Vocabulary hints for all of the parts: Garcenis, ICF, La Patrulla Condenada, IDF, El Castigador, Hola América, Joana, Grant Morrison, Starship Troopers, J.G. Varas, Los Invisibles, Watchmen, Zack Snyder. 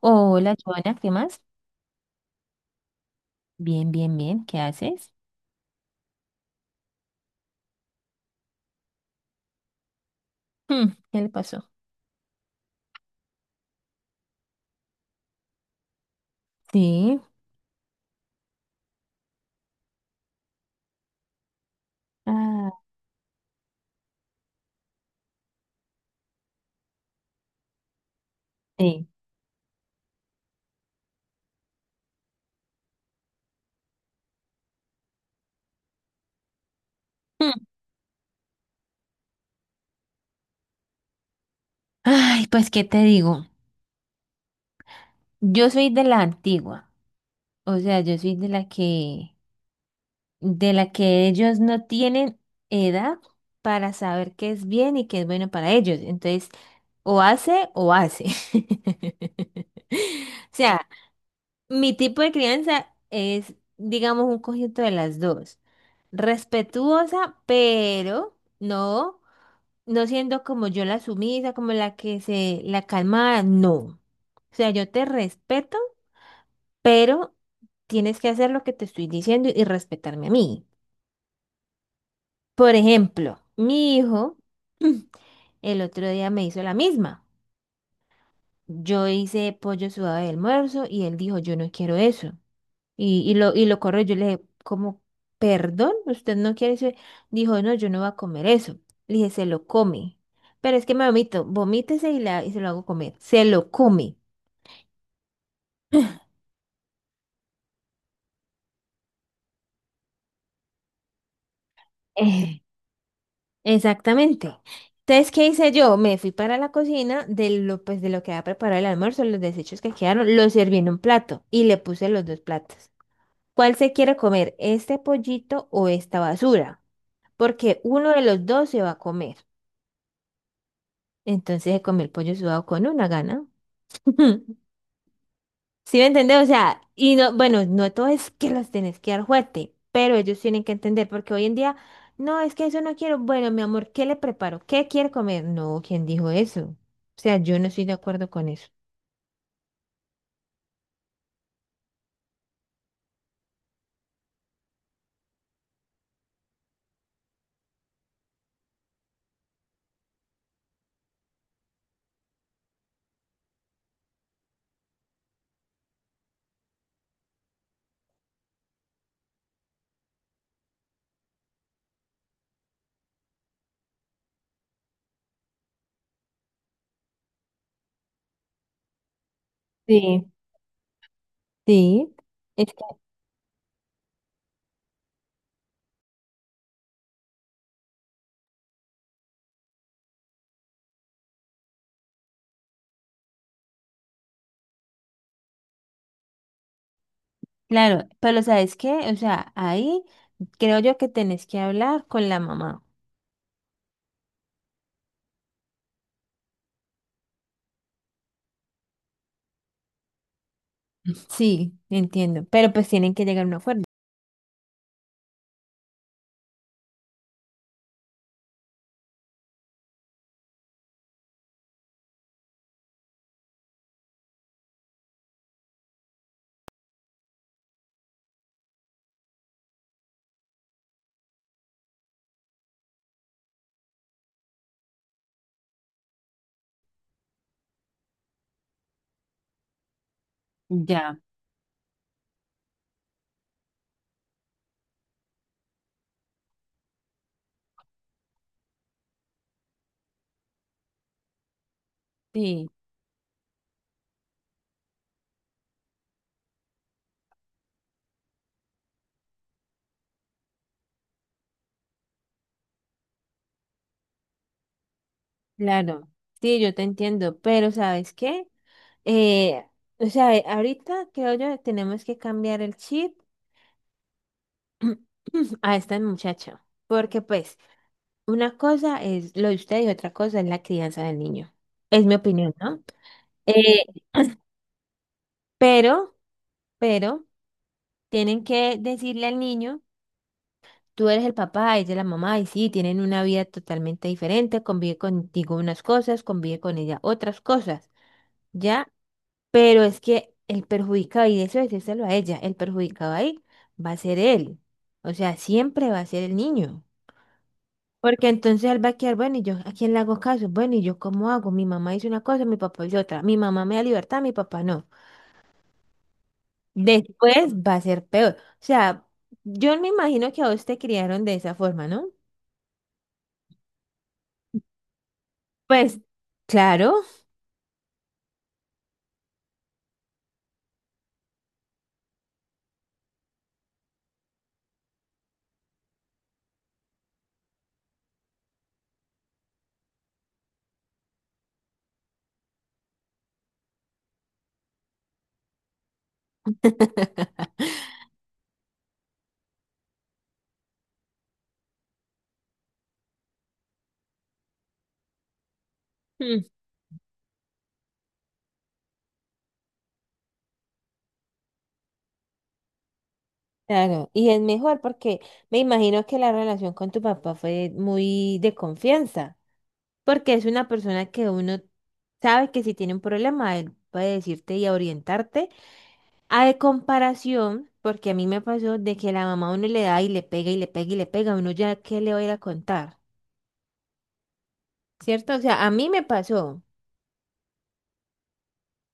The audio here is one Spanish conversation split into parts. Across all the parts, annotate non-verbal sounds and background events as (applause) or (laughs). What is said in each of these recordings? Hola, Joana, ¿qué más? Bien, bien, bien, ¿qué haces? ¿Qué le pasó? Sí. Ah, sí. Hmm, Ay, pues, ¿qué te digo? Yo soy de la antigua, o sea, yo soy de la que ellos no tienen edad para saber qué es bien y qué es bueno para ellos. Entonces, o hace o hace. (laughs) O sea, mi tipo de crianza es, digamos, un conjunto de las dos. Respetuosa, pero no, no siendo como yo la sumisa, como la que se, la calmada, no. O sea, yo te respeto, pero tienes que hacer lo que te estoy diciendo y respetarme a mí. Por ejemplo, mi hijo (clears throat) el otro día me hizo la misma. Yo hice pollo sudado de almuerzo y él dijo, yo no quiero eso. Y lo corrió. Yo le dije, ¿cómo? ¿Perdón? ¿Usted no quiere eso? Dijo, no, yo no voy a comer eso. Le dije, se lo come. Pero es que me vomito. Vomítese y, la, y se lo hago comer. Se lo come. Eh, Exactamente. Entonces, ¿qué hice yo? Me fui para la cocina de lo, pues, de lo que había preparado el almuerzo, los desechos que quedaron, los serví en un plato y le puse los dos platos. ¿Cuál se quiere comer? ¿Este pollito o esta basura? Porque uno de los dos se va a comer. Entonces se comió el pollo sudado con una gana. (laughs) ¿Sí me entiendes? O sea, y no, bueno, no todo es que los tenés que dar fuerte, pero ellos tienen que entender, porque hoy en día, no, es que eso no quiero. Bueno, mi amor, ¿qué le preparo? ¿Qué quiere comer? No, ¿quién dijo eso? O sea, yo no estoy de acuerdo con eso. Sí, sí, es que, claro, pero ¿sabes qué? O sea, ahí creo yo que tenés que hablar con la mamá. (laughs) Sí, entiendo, pero pues tienen que llegar a un acuerdo. Ya, sí, claro, sí, yo te entiendo, pero ¿sabes qué? Eh, o sea, ahorita creo yo tenemos que cambiar el chip (clears throat) a esta muchacha, porque pues una cosa es lo de usted y otra cosa es la crianza del niño. Es mi opinión, ¿no? Eh, pero, pero tienen que decirle al niño, tú eres el papá, ella es la mamá, y sí, tienen una vida totalmente diferente, convive contigo unas cosas, convive con ella otras cosas. Ya pero es que el perjudicado, y eso decírselo a ella, el perjudicado ahí va a ser él. O sea, siempre va a ser el niño. Porque entonces él va a quedar, bueno, ¿y yo a quién le hago caso? Bueno, ¿y yo cómo hago? Mi mamá hizo una cosa, mi papá hizo otra. Mi mamá me da libertad, mi papá no. Después va a ser peor. O sea, yo me imagino que a vos te criaron de esa forma, ¿no? Pues, claro. Mm. Claro, y es mejor porque me imagino que la relación con tu papá fue muy de confianza. Porque es una persona que uno sabe que si tiene un problema, él puede decirte y orientarte. A de comparación, porque a mí me pasó de que la mamá a uno le da y le pega y le pega y le pega, uno ya qué le va a ir a contar, ¿cierto? O sea, a mí me pasó.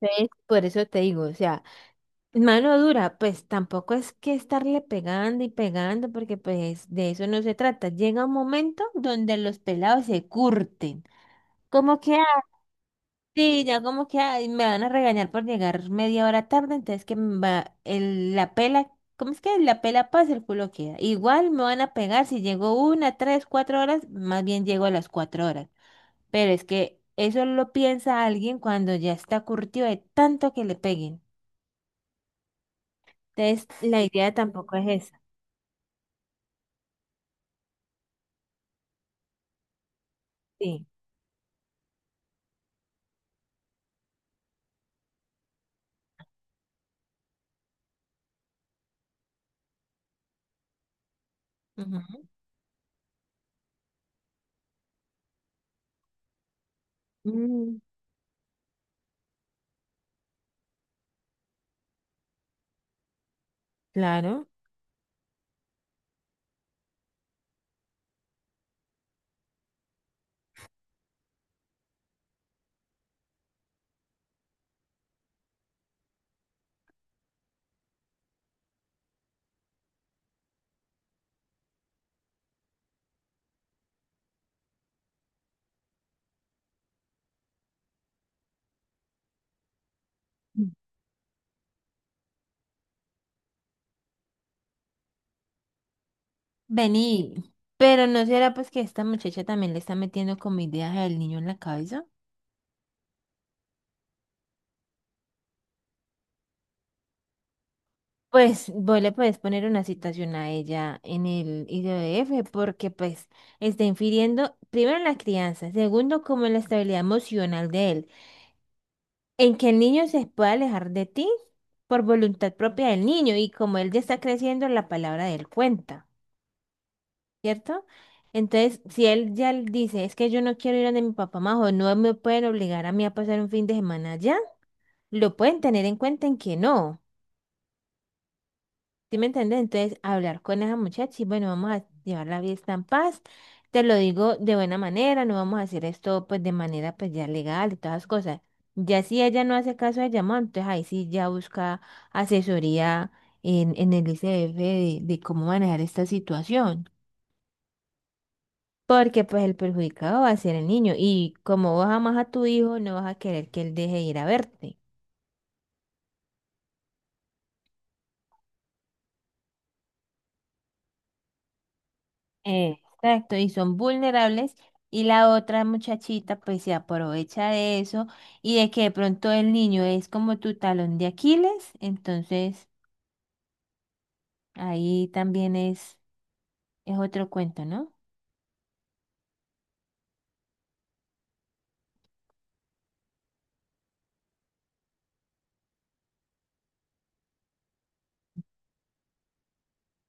Entonces, por eso te digo, o sea, mano dura, pues tampoco es que estarle pegando y pegando, porque pues de eso no se trata. Llega un momento donde los pelados se curten. Como que sí, ya como que ay, me van a regañar por llegar media hora tarde, entonces que me va el, la pela, ¿cómo es que la pela pasa, el culo queda? Igual me van a pegar si llego una, tres, cuatro horas, más bien llego a las cuatro horas. Pero es que eso lo piensa alguien cuando ya está curtido de tanto que le peguen. Entonces, la idea tampoco es esa. Sí. Ujú. Mm, claro. Mm. Vení, pero ¿no será pues que esta muchacha también le está metiendo como ideas al niño en la cabeza? Pues vos le puedes poner una citación a ella en el IDF porque pues está infiriendo primero en la crianza, segundo como en la estabilidad emocional de él, en que el niño se pueda alejar de ti por voluntad propia del niño y como él ya está creciendo la palabra de él cuenta, ¿cierto? Entonces, si él ya l- dice, es que yo no quiero ir donde mi papá más o no me pueden obligar a mí a pasar un fin de semana allá, lo pueden tener en cuenta en que no. ¿Sí me entiendes? Entonces, hablar con esa muchacha y bueno, vamos a llevar la fiesta en paz. Te lo digo de buena manera, no vamos a hacer esto pues de manera pues ya legal y todas las cosas. Ya si ella no hace caso de llamado, entonces ahí sí ya busca asesoría en el ICF de cómo manejar esta situación. Porque pues el perjudicado va a ser el niño y como vos amas a tu hijo, no vas a querer que él deje de ir a verte. Exacto, y son vulnerables y la otra muchachita pues se aprovecha de eso y de que de pronto el niño es como tu talón de Aquiles, entonces ahí también es otro cuento, ¿no?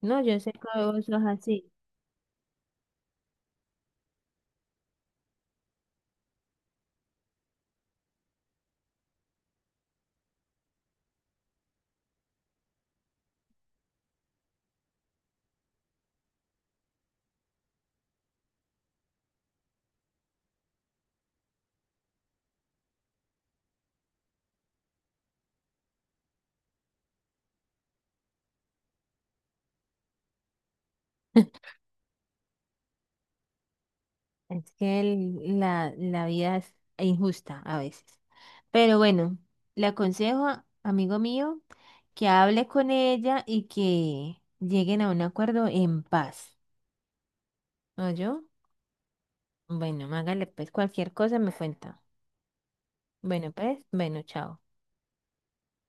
No, yo sé que vos sos así. (laughs) Es que el- la vida es injusta a veces. Pero bueno, le aconsejo, amigo mío, que hable con ella y que lleguen a un acuerdo en paz. ¿No yo? Bueno, hágale, pues cualquier cosa me cuenta. Bueno, pues, bueno, chao.